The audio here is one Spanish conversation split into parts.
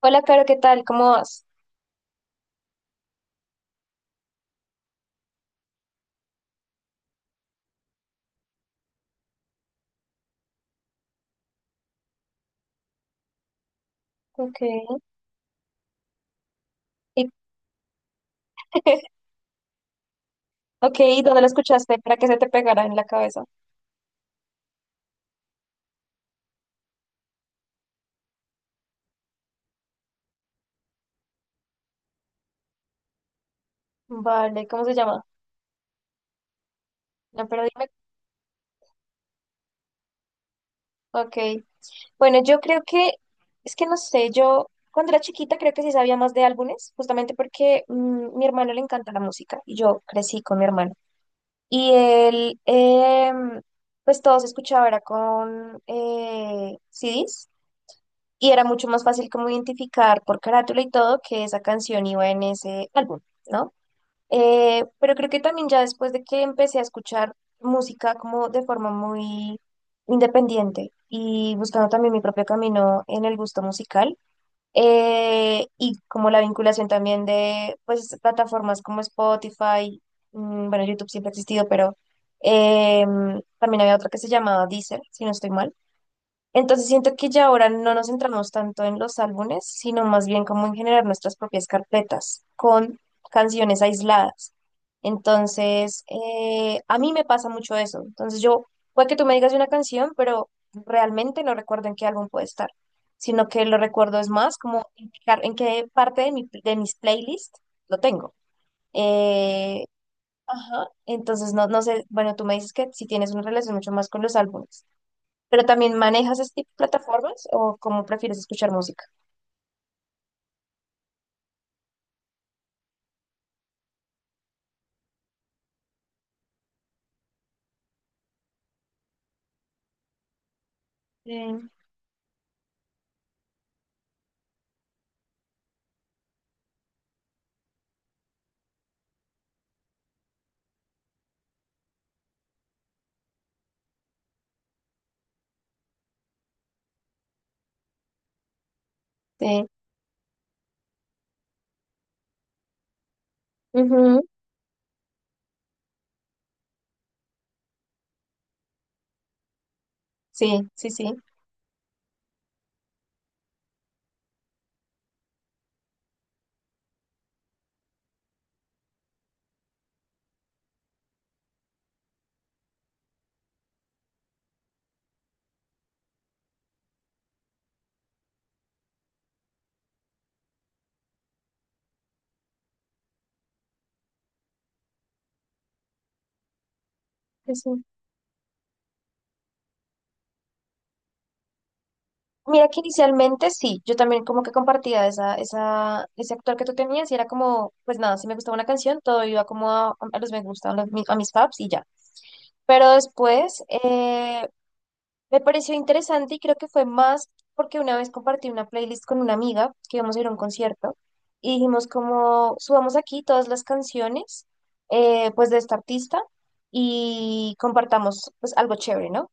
Hola, Caro, ¿qué tal? ¿Cómo vas? Ok. ¿Y, ok, ¿y dónde lo escuchaste para que se te pegara en la cabeza? Vale, ¿cómo se llama? No, pero dime. Ok. Bueno, yo creo que, es que no sé, yo cuando era chiquita creo que sí sabía más de álbumes, justamente porque mi hermano le encanta la música y yo crecí con mi hermano. Y él, pues todo se escuchaba, era con CDs y era mucho más fácil como identificar por carátula y todo que esa canción iba en ese álbum. ¿No? Pero creo que también ya después de que empecé a escuchar música como de forma muy independiente y buscando también mi propio camino en el gusto musical y como la vinculación también de pues plataformas como Spotify, bueno, YouTube siempre ha existido, pero también había otra que se llamaba Deezer, si no estoy mal, entonces siento que ya ahora no nos centramos tanto en los álbumes, sino más bien como en generar nuestras propias carpetas con canciones aisladas. Entonces, a mí me pasa mucho eso. Entonces yo, puede que tú me digas de una canción, pero realmente no recuerdo en qué álbum puede estar, sino que lo recuerdo es más como en qué, en qué parte de de mis playlists lo tengo. Eh, ajá, entonces no, no sé, bueno, tú me dices que si tienes una relación mucho más con los álbumes. ¿Pero también manejas este tipo de plataformas o cómo prefieres escuchar música? Sí. Sí, ujú. Sí, sí, sí, sí, sí. Mira que inicialmente sí, yo también como que compartía ese actor que tú tenías y era como, pues nada, si me gustaba una canción, todo iba como a los me gustan, a mis faps y ya. Pero después, me pareció interesante y creo que fue más porque una vez compartí una playlist con una amiga que íbamos a ir a un concierto y dijimos como subamos aquí todas las canciones pues de esta artista y compartamos pues algo chévere, ¿no?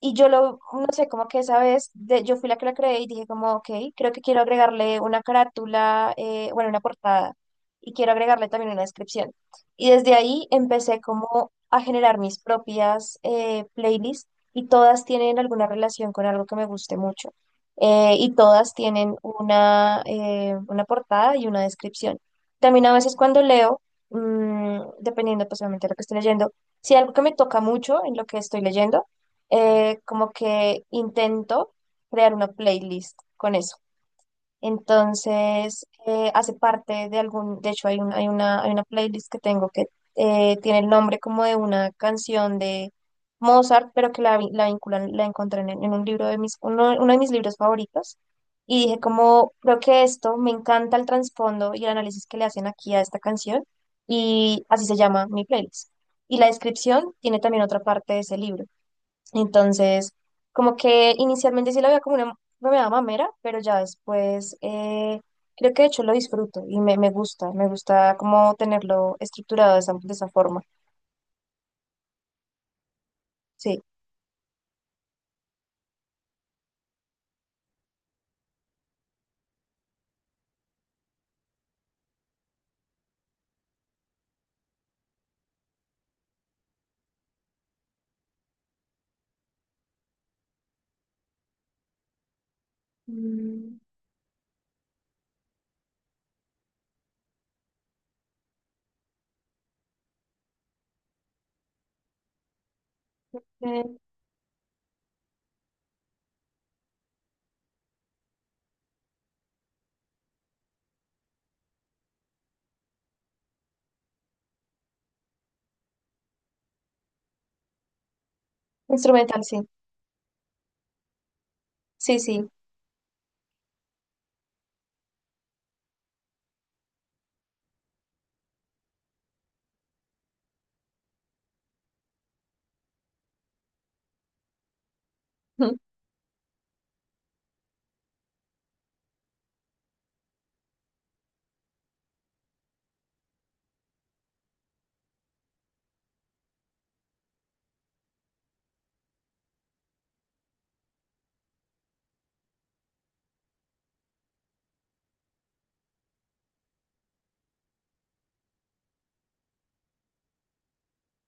Y yo lo, no sé, como que esa vez yo fui la que la creé y dije como, ok, creo que quiero agregarle una carátula, bueno, una portada y quiero agregarle también una descripción. Y desde ahí empecé como a generar mis propias playlists y todas tienen alguna relación con algo que me guste mucho. Y todas tienen una portada y una descripción. También a veces cuando leo, dependiendo pues obviamente de lo que estoy leyendo, si algo que me toca mucho en lo que estoy leyendo, como que intento crear una playlist con eso. Entonces, hace parte de algún, de hecho hay hay una playlist que tengo que tiene el nombre como de una canción de Mozart, pero que la, la vinculan, la encontré en un libro de mis, uno de mis libros favoritos. Y dije como, creo que esto, me encanta el trasfondo y el análisis que le hacen aquí a esta canción. Y así se llama mi playlist. Y la descripción tiene también otra parte de ese libro. Entonces, como que inicialmente sí la veía como una meada mamera, pero ya después creo que de hecho lo disfruto y me, me gusta como tenerlo estructurado de esa forma. Sí. Mm, eh, instrumental, sí. Sí, sí.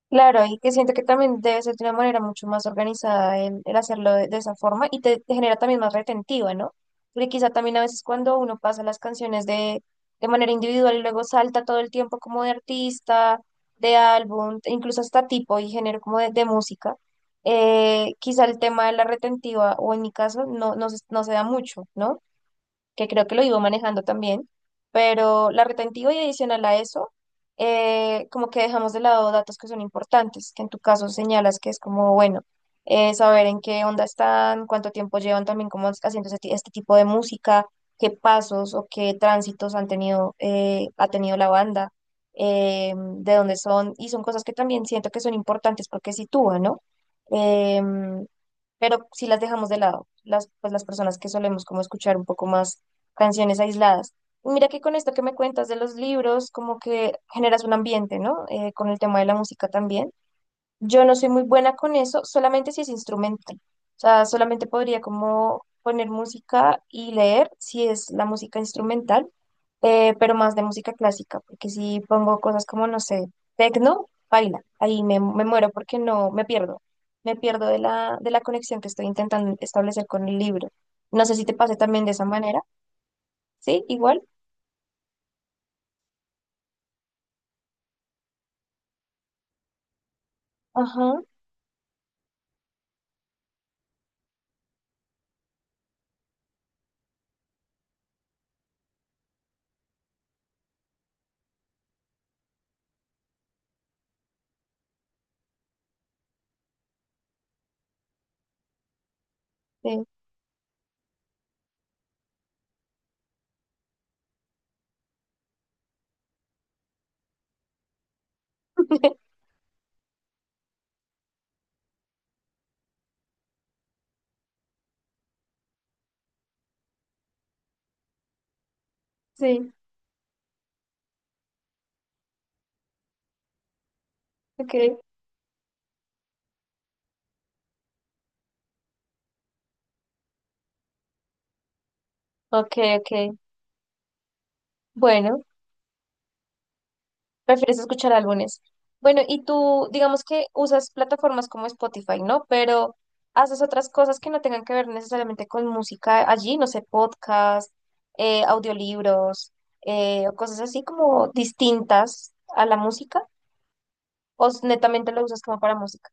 Claro, y que siento que también debe ser de una manera mucho más organizada el hacerlo de esa forma y te genera también más retentiva, ¿no? Porque quizá también a veces cuando uno pasa las canciones de manera individual y luego salta todo el tiempo como de artista, de álbum, incluso hasta tipo y género como de música, quizá el tema de la retentiva, o en mi caso, no, no se, no se da mucho, ¿no? Que creo que lo iba manejando también, pero la retentiva y adicional a eso, como que dejamos de lado datos que son importantes, que en tu caso señalas que es como, bueno, saber en qué onda están, cuánto tiempo llevan también como haciendo este, este tipo de música, qué pasos o qué tránsitos han tenido, ha tenido la banda, de dónde son, y son cosas que también siento que son importantes porque sitúan, ¿no? Em, pero si las dejamos de lado, las, pues las personas que solemos como escuchar un poco más canciones aisladas. Y mira que con esto que me cuentas de los libros, como que generas un ambiente, ¿no? Con el tema de la música también. Yo no soy muy buena con eso, solamente si es instrumental. O sea, solamente podría como poner música y leer si es la música instrumental, pero más de música clásica, porque si pongo cosas como, no sé, tecno, baila, ahí me, me muero porque no, me pierdo de la conexión que estoy intentando establecer con el libro. No sé si te pase también de esa manera, ¿sí? Igual. Ajá, sí, sí, ok, ok, ok. Bueno. Prefieres escuchar álbumes. Bueno, y tú, digamos que usas plataformas como Spotify, ¿no? Pero haces otras cosas que no tengan que ver necesariamente con música allí, no sé, podcast, audiolibros, o cosas así como distintas a la música, netamente lo usas como para música.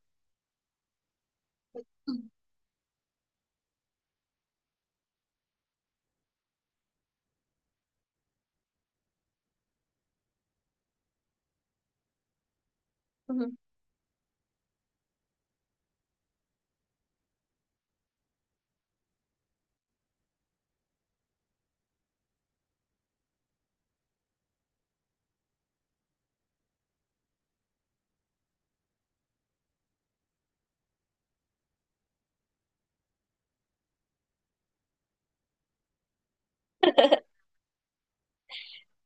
Mm. Ujú.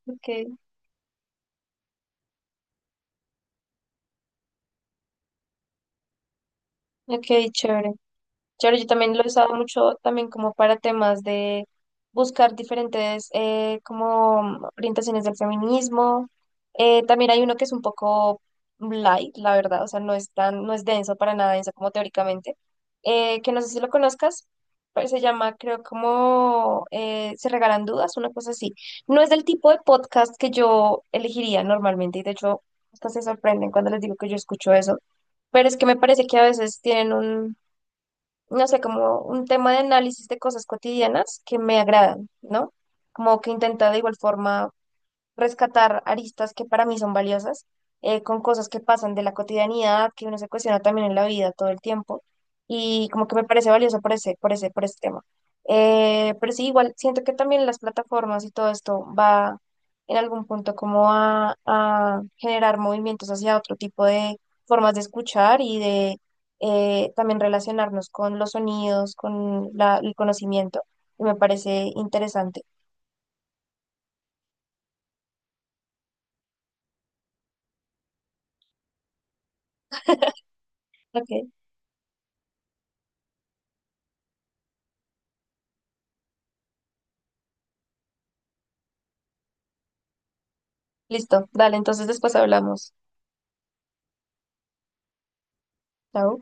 Ok, ok, chévere. Chévere, yo también lo he usado mucho también como para temas de buscar diferentes como orientaciones del feminismo. También hay uno que es un poco light, la verdad, o sea, no es tan, no es denso para nada denso como teóricamente, que no sé si lo conozcas, pero se llama, creo, como Se regalan dudas, una cosa así. No es del tipo de podcast que yo elegiría normalmente y de hecho, hasta se sorprenden cuando les digo que yo escucho eso pero es que me parece que a veces tienen un, no sé, como un tema de análisis de cosas cotidianas que me agradan, ¿no? Como que intenta de igual forma rescatar aristas que para mí son valiosas, con cosas que pasan de la cotidianidad, que uno se cuestiona también en la vida todo el tiempo, y como que me parece valioso por ese, por ese, por ese tema. Pero sí, igual, siento que también las plataformas y todo esto va en algún punto como a generar movimientos hacia otro tipo de formas de escuchar y de también relacionarnos con los sonidos, con la, el conocimiento, y me parece interesante. Ok, listo, dale, entonces después hablamos. Chao.